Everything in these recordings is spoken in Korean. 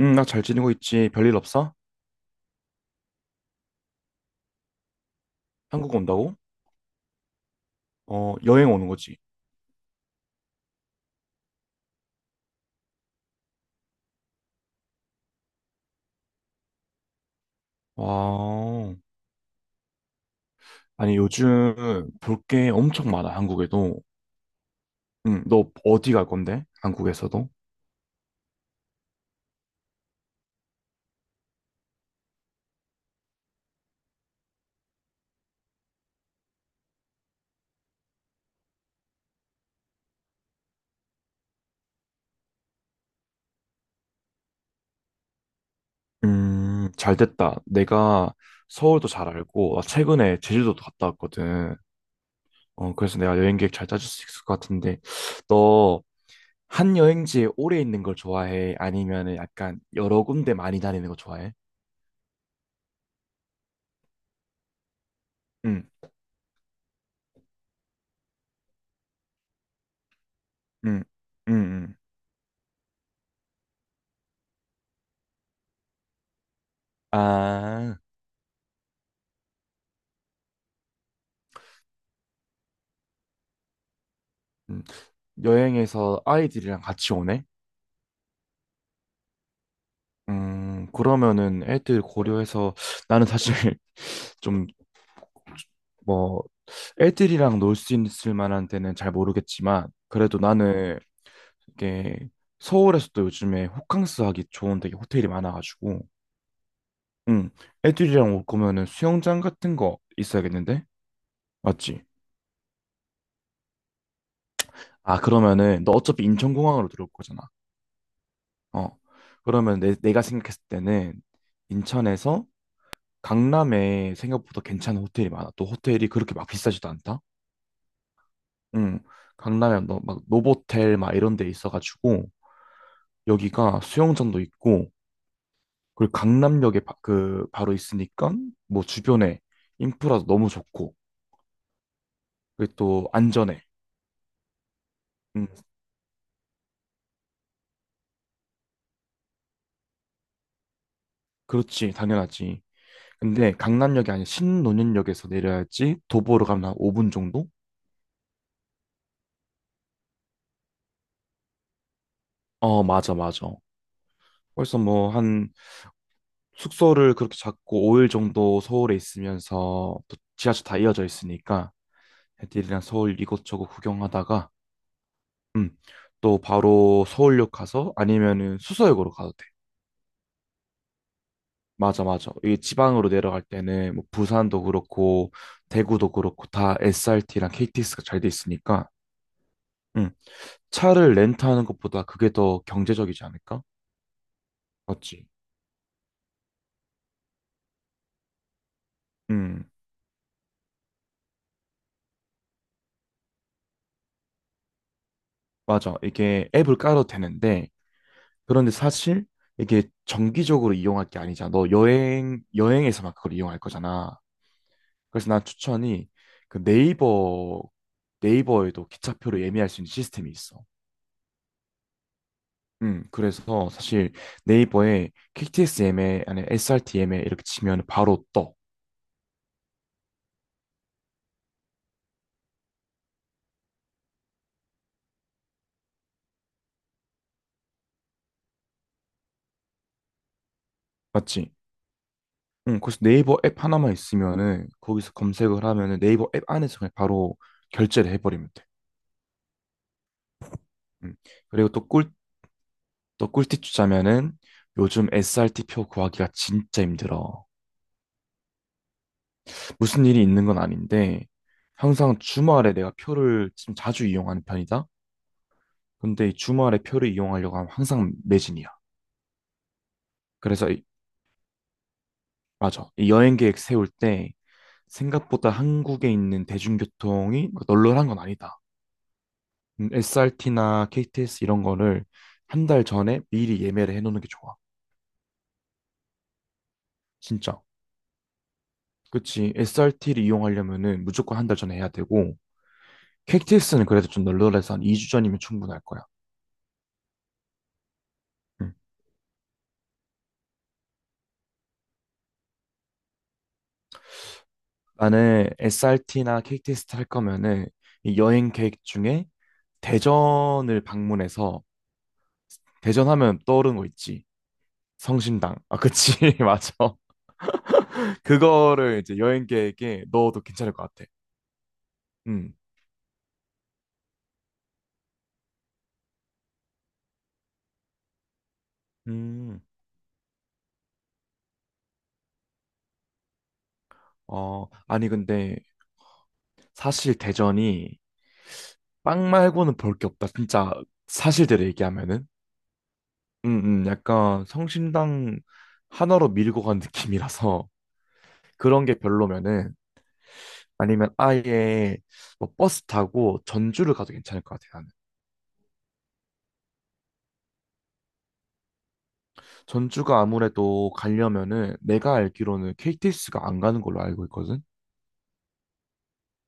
응, 나 잘 지내고 있지. 별일 없어? 한국 온다고? 어, 여행 오는 거지. 와. 아니, 요즘 볼 게 엄청 많아, 한국에도. 응, 너 어디 갈 건데? 한국에서도? 잘 됐다. 내가 서울도 잘 알고, 나 최근에 제주도도 갔다 왔거든. 어, 그래서 내가 여행 계획 잘 짜줄 수 있을 것 같은데, 너 한 여행지에 오래 있는 걸 좋아해? 아니면은 약간 여러 군데 많이 다니는 거 좋아해? 응, 응, 응, 응. 아. 음. 여행에서 아이들이랑 같이 오네? 그러면은 애들 고려해서 나는 사실 좀 뭐 애들이랑 놀 수 있을 만한 데는 잘 모르겠지만 그래도 나는 이게 서울에서도 요즘에 호캉스 하기 좋은 되게 호텔이 많아가지고 음, 애들이랑 올 거면은 수영장 같은 거 있어야겠는데? 맞지? 아, 그러면은 너 어차피 인천공항으로 들어올 거잖아. 어. 그러면 내가 생각했을 때는 인천에서 강남에 생각보다 괜찮은 호텔이 많아. 또 호텔이 그렇게 막 비싸지도 않다. 응. 강남에 너, 막 노보텔 막 이런 데 있어가지고 여기가 수영장도 있고, 그리고 강남역에 바, 그 바로 있으니까 뭐 주변에 인프라도 너무 좋고 그리고 또 안전해. 응. 그렇지, 당연하지. 근데 강남역이 아니라 신논현역에서 내려야지. 도보로 가면 한 5분 정도? 어, 맞아, 맞아. 벌써 뭐한 숙소를 그렇게 잡고 5일 정도 서울에 있으면서, 또 지하철 다 이어져 있으니까 애들이랑 서울 이곳저곳 구경하다가 음, 또 바로 서울역 가서, 아니면은 수서역으로 가도 돼. 맞아, 맞아. 이 지방으로 내려갈 때는 뭐 부산도 그렇고 대구도 그렇고 다 SRT랑 KTX가 잘 돼 있으니까 음, 차를 렌트하는 것보다 그게 더 경제적이지 않을까? 맞지? 음, 맞아. 이게 앱을 깔아도 되는데 그런데 사실 이게 정기적으로 이용할 게 아니잖아. 너 여행에서만 그걸 이용할 거잖아. 그래서 난 추천이, 그 네이버에도 기차표를 예매할 수 있는 시스템이 있어. 그래서 사실 네이버에 KTS 예매, 아니 SRT 예매 이렇게 치면 바로 떠. 맞지? 응, 그래서 네이버 앱 하나만 있으면은 거기서 검색을 하면은 네이버 앱 안에서 그냥 바로 결제를 해버리면 돼. 음. 그리고 또 꿀팁 주자면은, 요즘 SRT 표 구하기가 진짜 힘들어. 무슨 일이 있는 건 아닌데, 항상 주말에 내가 표를 좀 자주 이용하는 편이다. 근데 이 주말에 표를 이용하려고 하면 항상 매진이야. 그래서 이- 맞아. 이 여행 계획 세울 때, 생각보다 한국에 있는 대중교통이 막 널널한 건 아니다. SRT나 KTX 이런 거를 한 달 전에 미리 예매를 해놓는 게 좋아. 진짜. 그치. SRT를 이용하려면은 무조건 한 달 전에 해야 되고, k t 스는 그래도 좀 널널해서 한 2주 전이면 충분할 거야. 응. 나는 SRT나 k t 를탈 거면은, 이 여행 계획 중에 대전을 방문해서, 대전 하면 떠오르는 거 있지. 성심당. 아, 그치. 맞아. 그거를 이제 여행 계획에 넣어도 괜찮을 것 같아. 음. 음, 어, 아니, 근데 사실 대전이 빵 말고는 볼 게 없다. 진짜 사실대로 얘기하면은. 약간 성심당 하나로 밀고 간 느낌이라서. 그런 게 별로면은 아니면 아예 뭐 버스 타고 전주를 가도 괜찮을 것 같아요, 나는. 전주가 아무래도 가려면은 내가 알기로는 KTX가 안 가는 걸로 알고 있거든.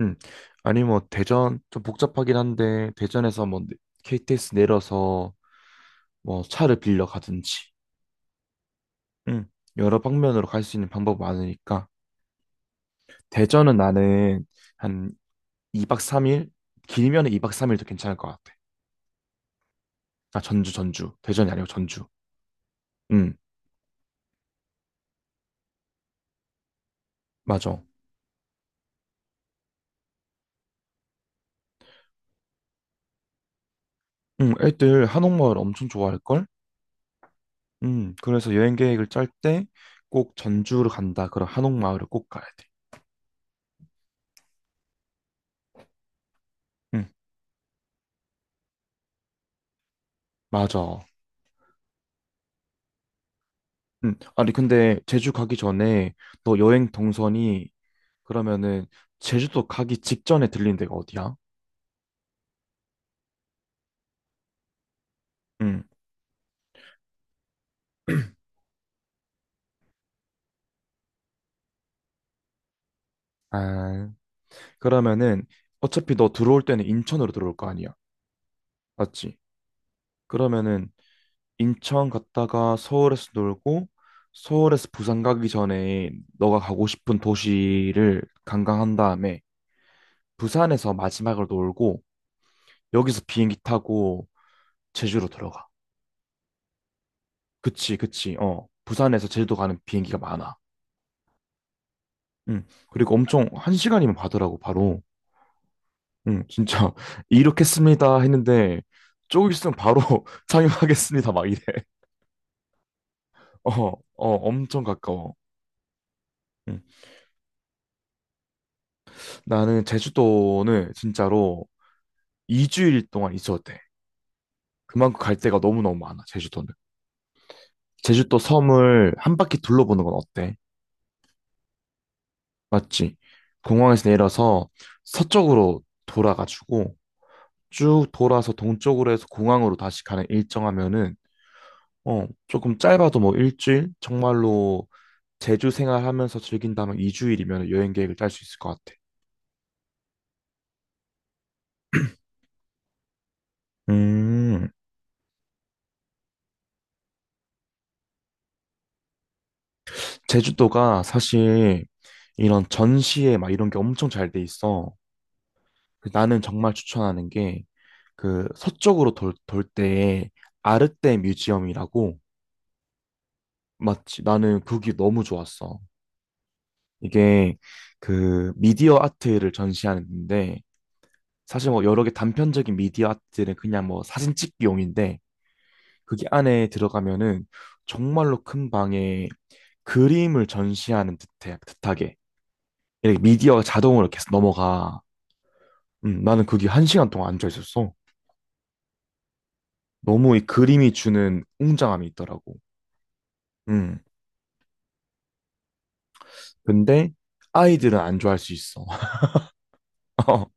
음. 아니, 뭐 대전 좀 복잡하긴 한데 대전에서 뭐 KTX 내려서 뭐 차를 빌려 가든지. 음. 여러 방면으로 갈 수 있는 방법 많으니까. 대전은 나는 한 2박 3일, 길면은 2박 3일도 괜찮을 것 같아. 아, 전주 전주, 대전이 아니고 전주. 음. 맞아. 애들 한옥마을 엄청 좋아할걸? 그래서 여행 계획을 짤 때 꼭 전주를 간다 그럼 한옥마을을 꼭 가야 돼. 음, 맞아. 아니, 근데 제주 가기 전에 너 여행 동선이, 그러면은 제주도 가기 직전에 들린 데가 어디야? 음, 아, 그러면은 어차피 너 들어올 때는 인천으로 들어올 거 아니야. 맞지? 그러면은 인천 갔다가 서울에서 놀고, 서울에서 부산 가기 전에 너가 가고 싶은 도시를 관광한 다음에 부산에서 마지막으로 놀고 여기서 비행기 타고 제주로 들어가. 그치, 그치. 어. 부산에서 제주도 가는 비행기가 많아. 응. 그리고 엄청 한 시간이면 가더라고, 바로. 응, 진짜 이렇게 씁니다 했는데 조금 있으면 바로 상륙하겠습니다 막 이래. 어, 어, 엄청 가까워. 응. 나는 제주도는 진짜로 2주일 동안 있었대. 그만큼 갈 데가 너무너무 많아, 제주도는. 제주도 섬을 한 바퀴 둘러보는 건 어때? 맞지? 공항에서 내려서 서쪽으로 돌아가지고 쭉 돌아서 동쪽으로 해서 공항으로 다시 가는 일정하면은, 어, 조금 짧아도 뭐 일주일? 정말로 제주 생활하면서 즐긴다면 2주일이면 여행 계획을 짤 수 있을 것 같아. 음, 제주도가 사실 이런 전시회 막 이런 게 엄청 잘 돼 있어. 나는 정말 추천하는 게 그 서쪽으로 돌 때에 아르떼 뮤지엄이라고. 맞지? 나는 그게 너무 좋았어. 이게 그 미디어 아트를 전시하는데, 사실 뭐 여러 개 단편적인 미디어 아트는 그냥 뭐 사진 찍기용인데, 그게 안에 들어가면은 정말로 큰 방에 그림을 전시하는 듯하게 이렇게 미디어가 자동으로 계속 넘어가. 나는 그게 한 시간 동안 앉아 있었어. 너무 이 그림이 주는 웅장함이 있더라고. 음. 근데 아이들은 안 좋아할 수 있어. 어,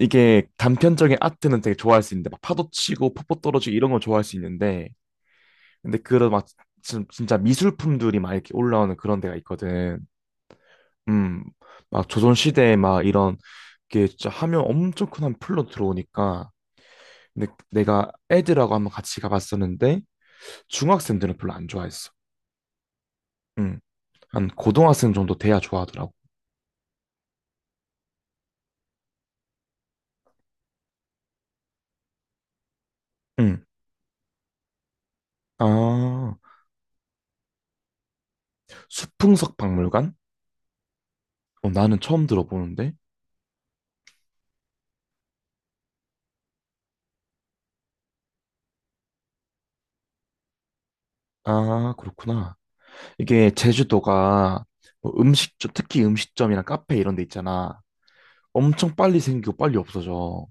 이게 단편적인 아트는 되게 좋아할 수 있는데, 막 파도 치고 폭포 떨어지고 이런 걸 좋아할 수 있는데, 근데 그런 막 진짜 미술품들이 막 이렇게 올라오는 그런 데가 있거든. 음. 막 조선 시대에 막 이런 게 진짜 하면 엄청 큰 한 풀로 들어오니까. 근데 내가 애들하고 한번 같이 가봤었는데 중학생들은 별로 안 좋아했어. 음. 한 고등학생 정도 돼야 좋아하더라고. 음. 아, 수풍석 박물관? 어, 나는 처음 들어보는데. 아, 그렇구나. 이게 제주도가 뭐 음식점, 특히 음식점이나 카페 이런 데 있잖아. 엄청 빨리 생기고 빨리 없어져.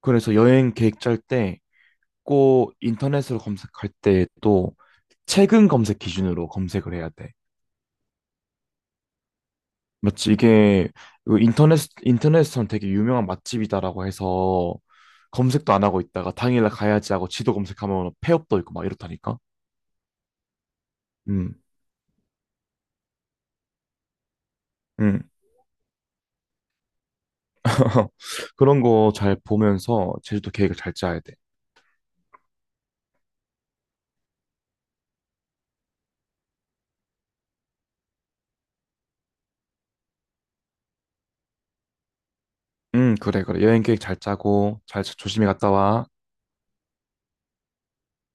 그래서 여행 계획 짤 때 꼭 인터넷으로 검색할 때 또 최근 검색 기준으로 검색을 해야 돼. 맞지? 이게 이거 인터넷에서는 되게 유명한 맛집이다라고 해서 검색도 안 하고 있다가 당일날 가야지 하고 지도 검색하면 폐업도 있고 막 이렇다니까. 음, 음. 그런 거 잘 보면서 제주도 계획을 잘 짜야 돼. 응, 그래, 그래. 여행 계획 잘 짜고, 잘 조심히 갔다 와.